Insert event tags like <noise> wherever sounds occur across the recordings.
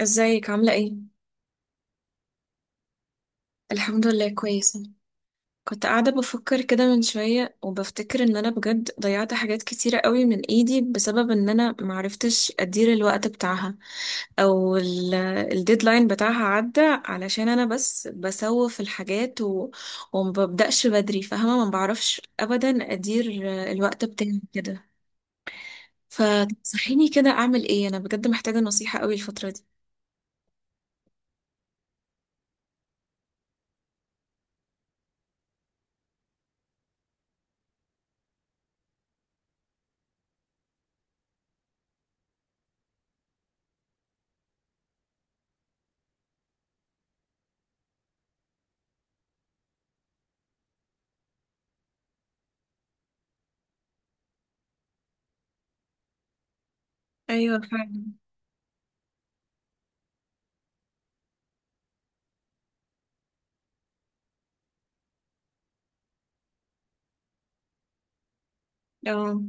ازيك عاملة ايه؟ الحمد لله كويسة. كنت قاعدة بفكر كده من شوية وبفتكر ان انا بجد ضيعت حاجات كتيرة قوي من ايدي بسبب ان انا معرفتش ادير الوقت بتاعها. او ال- الديدلاين بتاعها عدى علشان انا بس بسوف الحاجات ومببدأش بدري، فاهمة؟ ما بعرفش ابدا ادير الوقت بتاعي كده. فتنصحيني كده اعمل ايه؟ انا بجد محتاجة نصيحة قوي الفترة دي. ايوه فعلا. اه.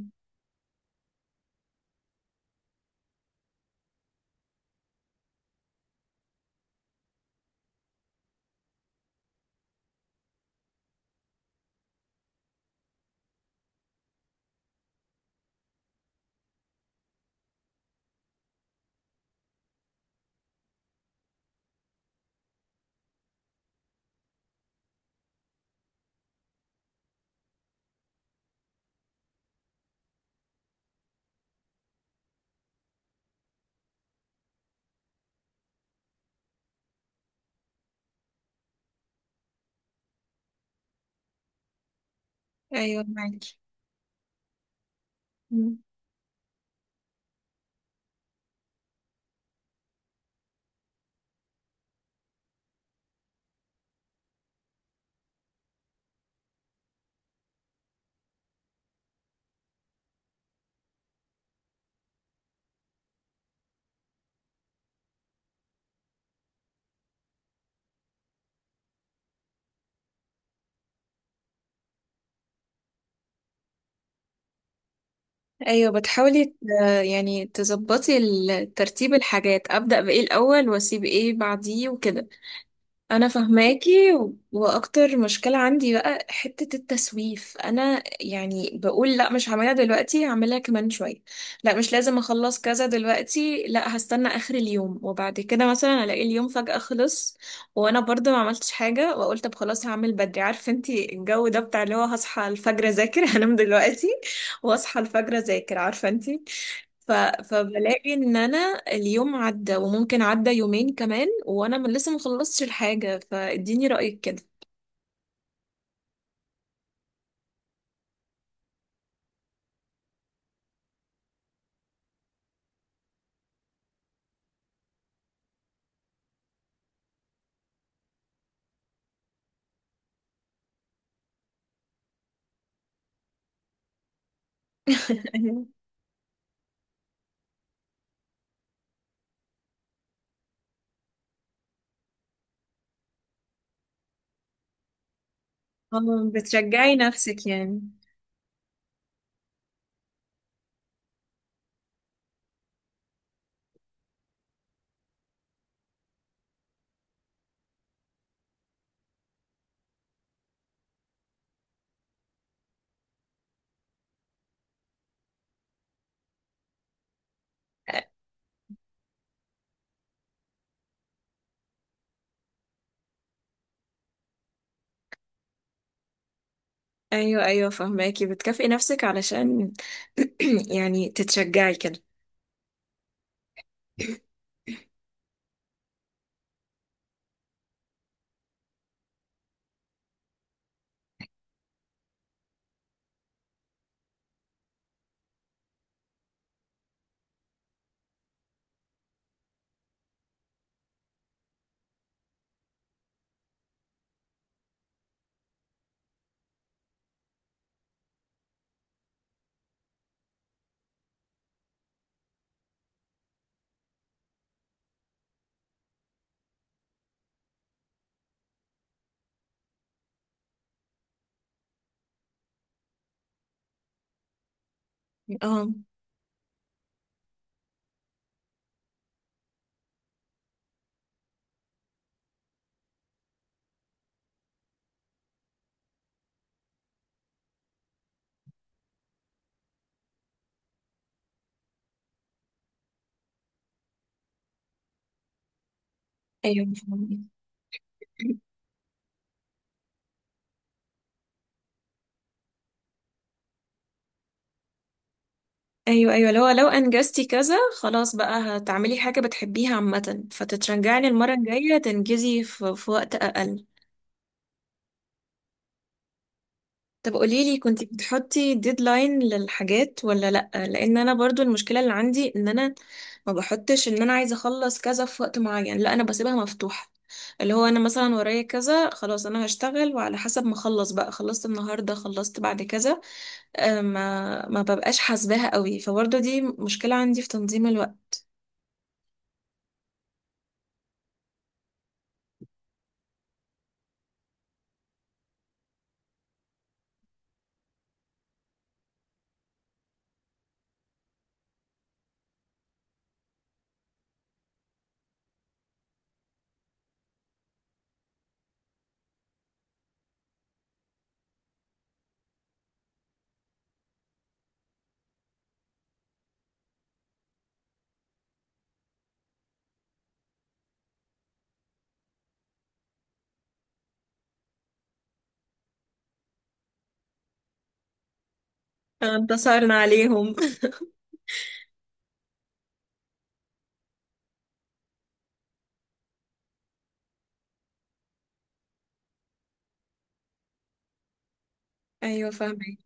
ايوه معاكي. ايوه بتحاولي يعني تظبطي ترتيب الحاجات، ابدا بايه الاول واسيب ايه بعديه وكده. انا فهماكي واكتر مشكلة عندي بقى حتة التسويف. انا يعني بقول لا، مش هعملها دلوقتي، هعملها كمان شوية. لا مش لازم اخلص كذا دلوقتي، لا هستنى اخر اليوم، وبعد كده مثلا الاقي اليوم فجأة خلص وانا برضه ما عملتش حاجة، واقول طب خلاص هعمل بدري، عارفة انتي الجو ده بتاع اللي هو هصحى الفجر اذاكر <laughs> هنام دلوقتي واصحى الفجر اذاكر، عارفة انتي. ف... فبلاقي ان انا اليوم عدى وممكن عدى يومين كمان وانا من لسه مخلصتش الحاجة، فاديني رأيك كده. <laughs> أيوة. آه، بتشجعي نفسك يعني. أ- ايوه ايوه فهماكي، بتكافئي نفسك علشان <clears throat> يعني تتشجعي كده. <clears throat> اه ايوه فهماكي. ايوه ايوه لو انجزتي كذا خلاص بقى هتعملي حاجة بتحبيها عامة، فتتشجعي إن المرة الجاية تنجزي في وقت اقل. طب قوليلي، كنتي بتحطي ديدلاين للحاجات ولا لأ؟ لأن أنا برضو المشكلة اللي عندي إن أنا ما بحطش إن أنا عايزة أخلص كذا في وقت معين، لأ أنا بسيبها مفتوحة. اللي هو أنا مثلا ورايا كذا، خلاص أنا هشتغل وعلى حسب ما أخلص بقى، خلصت النهاردة، خلصت بعد كذا. ما ببقاش حاسباها قوي، فبرضو دي مشكلة عندي في تنظيم الوقت. آه، انتصرنا عليهم <laughs> أيوة فاهمة.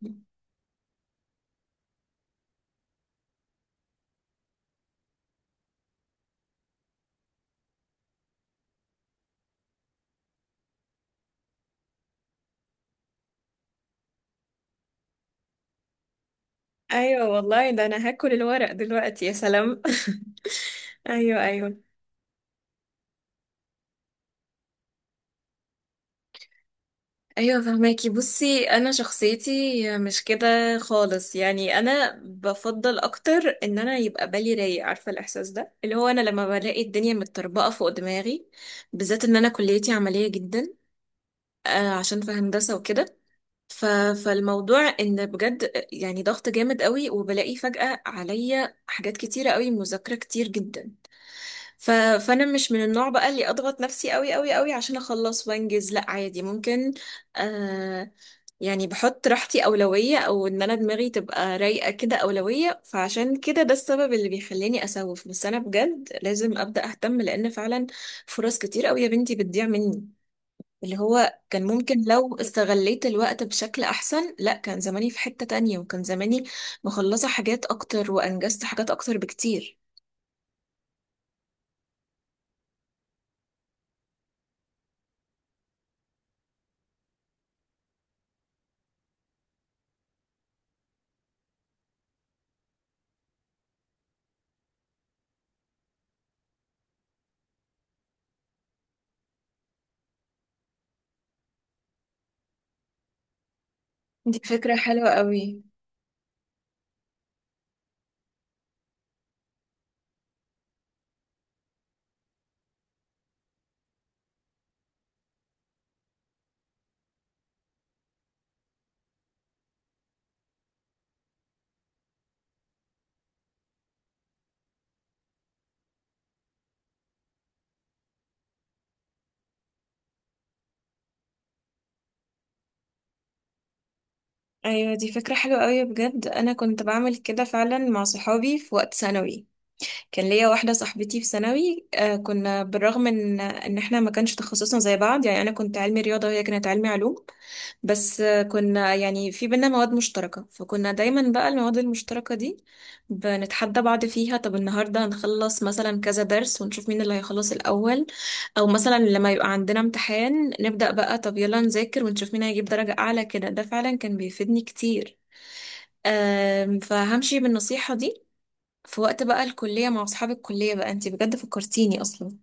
أيوة والله، ده أنا هاكل الورق دلوقتي يا سلام. <laughs> أيوة أيوة. ايوه فهماكي. بصي انا شخصيتي مش كده خالص، يعني انا بفضل اكتر ان انا يبقى بالي رايق، عارفه الاحساس ده، اللي هو انا لما بلاقي الدنيا متطربقه فوق دماغي، بالذات ان انا كليتي عمليه جدا، عشان في هندسه وكده. ف... فالموضوع ان بجد يعني ضغط جامد قوي، وبلاقي فجأة عليا حاجات كتيره قوي، مذاكره كتير جدا. ف... فانا مش من النوع بقى اللي اضغط نفسي قوي قوي قوي عشان اخلص وانجز، لا عادي. ممكن آه يعني بحط راحتي اولويه، او ان انا دماغي تبقى رايقه كده اولويه. فعشان كده ده السبب اللي بيخليني اسوف، بس انا بجد لازم ابدا اهتم، لان فعلا فرص كتير قوي يا بنتي بتضيع مني، اللي هو كان ممكن لو استغليت الوقت بشكل احسن، لا كان زماني في حته تانية، وكان زماني مخلصه حاجات اكتر وانجزت حاجات اكتر بكتير. دي فكره حلوه قوي. ايوه دي فكرة حلوة قوي بجد، انا كنت بعمل كده فعلا مع صحابي في وقت ثانوي. كان ليا واحدة صاحبتي في ثانوي، كنا بالرغم ان احنا ما كانش تخصصنا زي بعض، يعني انا كنت علمي رياضة وهي كانت علمي علوم. بس كنا يعني في بينا مواد مشتركة، فكنا دايما بقى المواد المشتركة دي بنتحدى بعض فيها. طب النهاردة هنخلص مثلا كذا درس ونشوف مين اللي هيخلص الأول، او مثلا لما يبقى عندنا امتحان نبدأ بقى، طب يلا نذاكر ونشوف مين هيجيب درجة أعلى كده. ده فعلا كان بيفيدني كتير. آم، فهمشي بالنصيحة دي في وقت بقى الكلية مع أصحاب الكلية بقى، انتي بجد فكرتيني أصلا.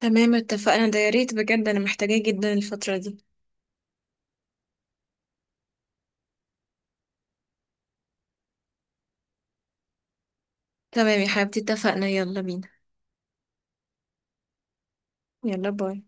تمام اتفقنا، ده يا ريت بجد أنا محتاجاه جدا الفترة دي. تمام يا حبيبتي اتفقنا، يلا بينا. يلا باي.